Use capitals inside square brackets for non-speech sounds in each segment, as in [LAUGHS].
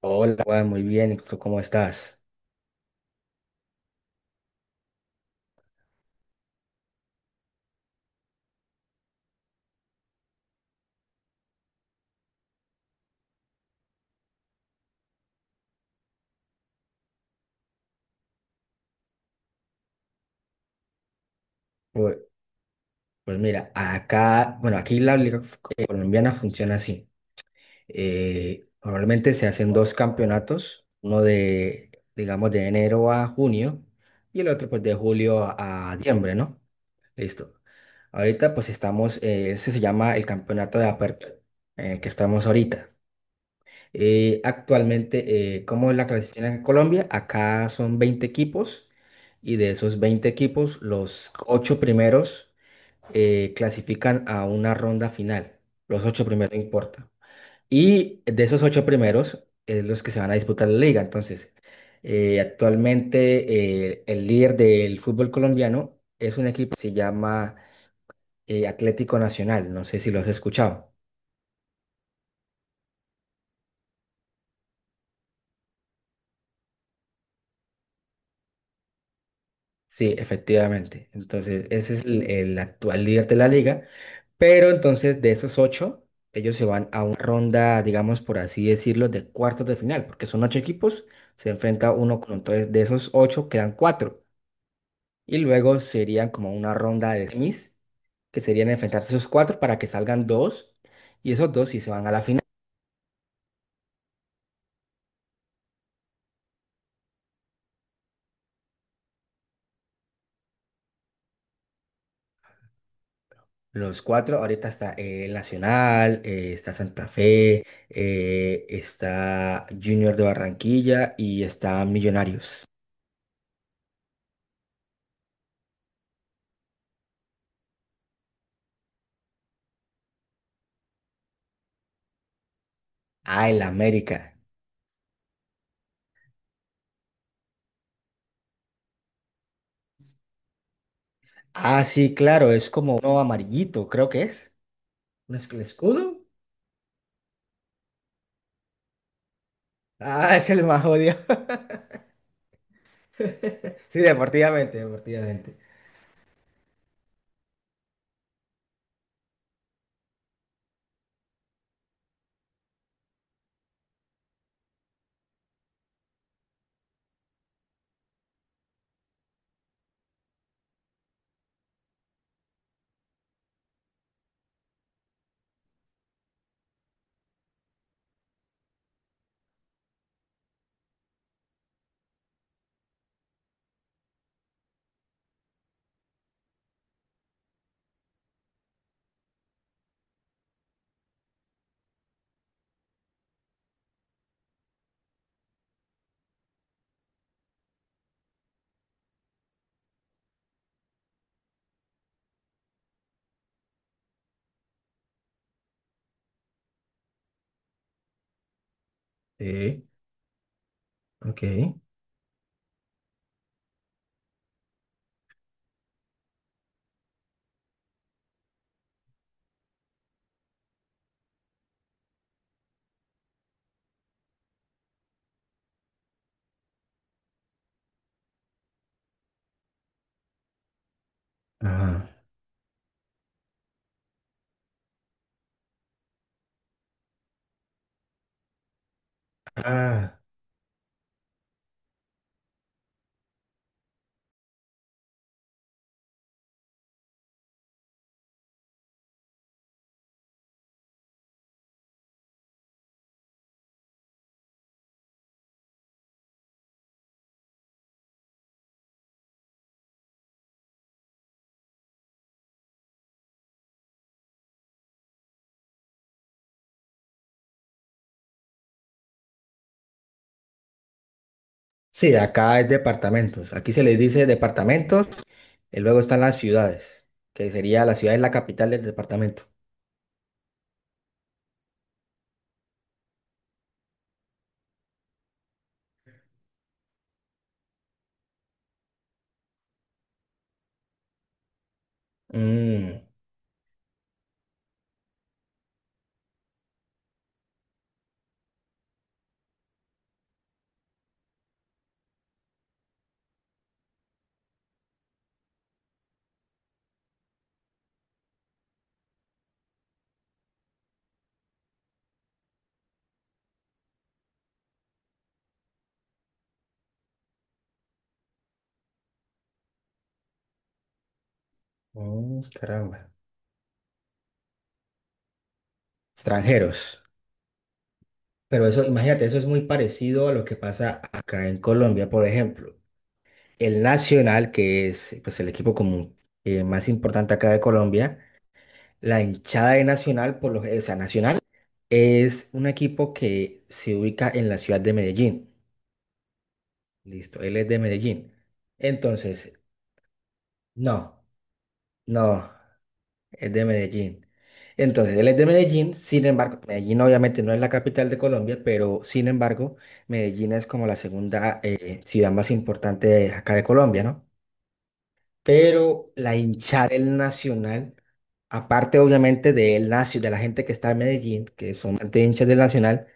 Hola, Juan, muy bien. ¿Y tú cómo estás? Pues, pues mira, acá, bueno, aquí la liga colombiana funciona así. Normalmente se hacen dos campeonatos, uno de, digamos, de enero a junio, y el otro pues de julio a diciembre, ¿no? Listo. Ahorita pues estamos, ese se llama el campeonato de apertura en el que estamos ahorita. Actualmente, ¿cómo es la clasificación en Colombia? Acá son 20 equipos, y de esos 20 equipos, los 8 primeros clasifican a una ronda final. Los ocho primeros, no importa. Y de esos 8 primeros es los que se van a disputar la liga. Entonces, actualmente el líder del fútbol colombiano es un equipo que se llama Atlético Nacional. No sé si lo has escuchado. Sí, efectivamente. Entonces, ese es el actual líder de la liga. Pero entonces, de esos ocho, ellos se van a una ronda, digamos, por así decirlo, de cuartos de final, porque son ocho equipos, se enfrenta uno con entonces de esos ocho quedan cuatro. Y luego serían como una ronda de semis, que serían enfrentarse esos cuatro para que salgan dos, y esos dos sí se van a la final. Los cuatro, ahorita está el Nacional, está Santa Fe, está Junior de Barranquilla y está Millonarios. Ah, el América. Ah, sí, claro, es como uno amarillito, creo que es. ¿No es el escudo? Ah, es el más jodido. [LAUGHS] Sí, deportivamente, deportivamente. Sí, ok. Ajá. Ah, sí, acá es departamentos. Aquí se les dice departamentos, y luego están las ciudades, que sería la ciudad es la capital del departamento. Mm, oh, caramba. Extranjeros. Pero eso, imagínate, eso es muy parecido a lo que pasa acá en Colombia, por ejemplo. El Nacional, que es pues, el equipo común más importante acá de Colombia, la hinchada de Nacional, por lo, o sea, Nacional, es un equipo que se ubica en la ciudad de Medellín. Listo, él es de Medellín. Entonces, no, no. Es de Medellín. Entonces, él es de Medellín, sin embargo, Medellín obviamente no es la capital de Colombia, pero sin embargo, Medellín es como la segunda ciudad más importante de acá de Colombia, ¿no? Pero la hinchada del Nacional, aparte obviamente del nacio, de la gente que está en Medellín, que son bastante hinchas del Nacional,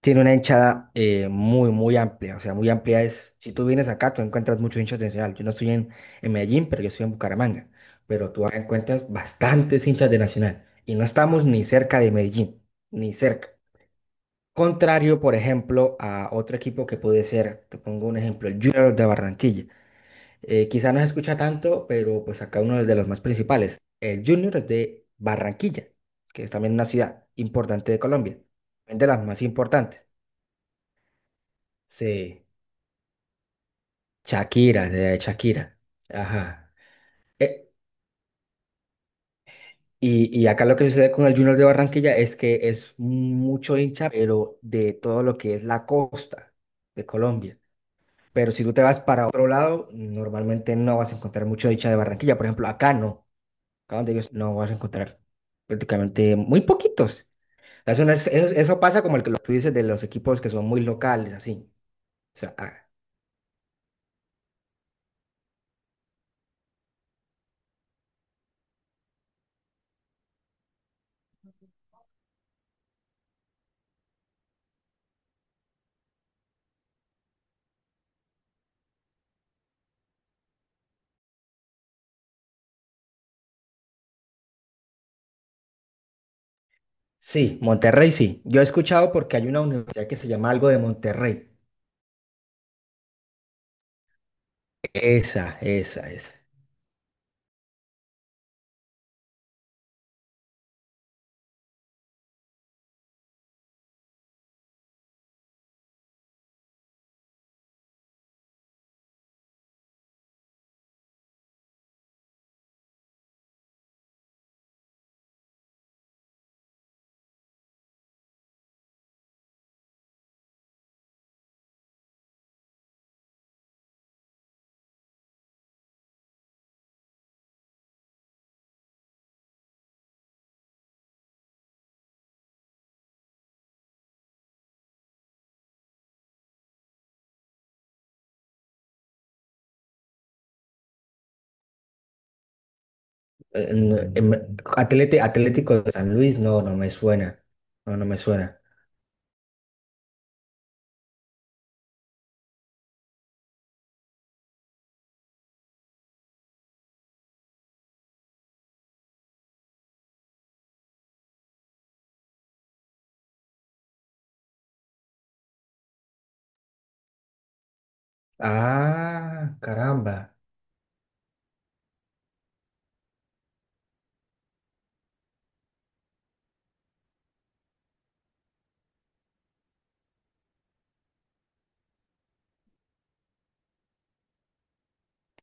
tiene una hinchada muy, muy amplia. O sea, muy amplia es, si tú vienes acá, tú encuentras muchos hinchas de Nacional. Yo no estoy en Medellín, pero yo estoy en Bucaramanga. Pero tú encuentras bastantes hinchas de Nacional. Y no estamos ni cerca de Medellín, ni cerca. Contrario, por ejemplo, a otro equipo que puede ser, te pongo un ejemplo, el Junior de Barranquilla. Quizá no se escucha tanto, pero pues acá uno de los más principales. El Junior es de Barranquilla, que es también una ciudad importante de Colombia, es de las más importantes. Sí. Shakira, de Shakira. Ajá. Eh, y acá lo que sucede con el Junior de Barranquilla es que es mucho hincha, pero de todo lo que es la costa de Colombia. Pero si tú te vas para otro lado, normalmente no vas a encontrar mucho hincha de Barranquilla. Por ejemplo, acá no. Acá donde ellos no vas a encontrar prácticamente muy poquitos. Es una- es- eso pasa como el que lo- tú dices de los equipos que son muy locales, así. O sea, ah, sí, Monterrey sí. Yo he escuchado porque hay una universidad que se llama algo de Monterrey. Esa, esa, esa. No, Atlete- Atlético de San Luis, no, no me suena. No, no me suena. Ah, caramba.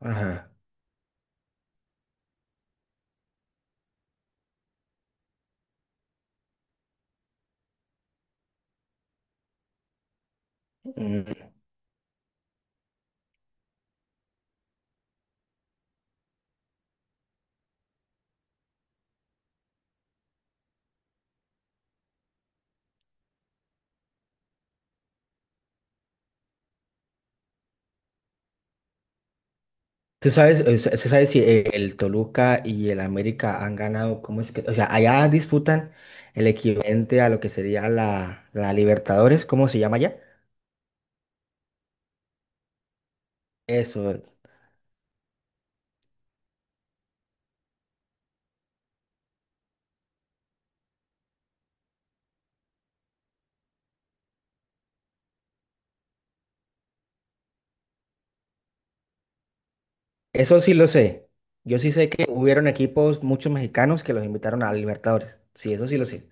Ajá. Mm. ¿Tú sabes, se sabe si el Toluca y el América han ganado? ¿Cómo es que? O sea, allá disputan el equivalente a lo que sería la Libertadores, ¿cómo se llama allá? Eso, eso sí lo sé. Yo sí sé que hubieron equipos, muchos mexicanos que los invitaron a Libertadores. Sí, eso sí lo sé.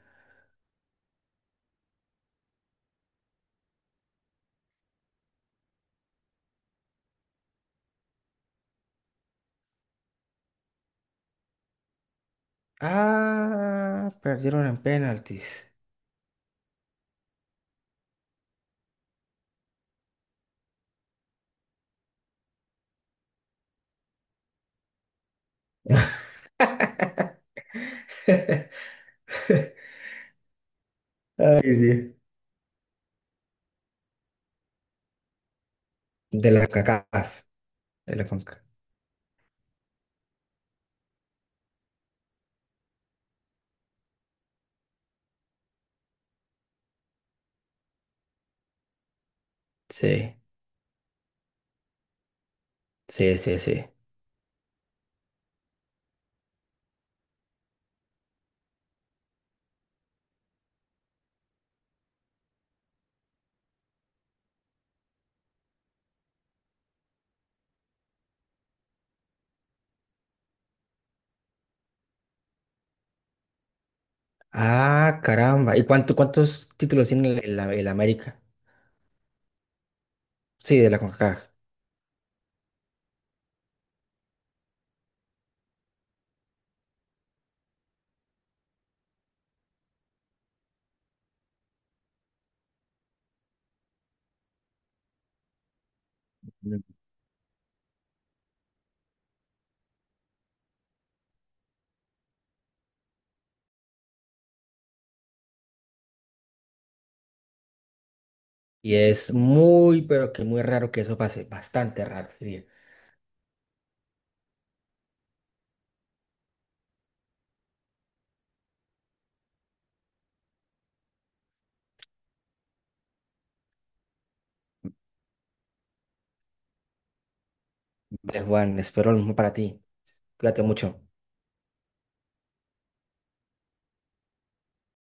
Ah, perdieron en penaltis. [LAUGHS] Ay, sí. De la CACAF, de la CONCACAF. Sí, sí, sí, sí. Ah, caramba. ¿Y cuánto, cuántos títulos tiene el América? Sí, de la CONCACAF. Mm. Y es muy, pero que muy raro que eso pase. Bastante raro, diría. Vale, Juan, espero lo mismo para ti. Cuídate mucho.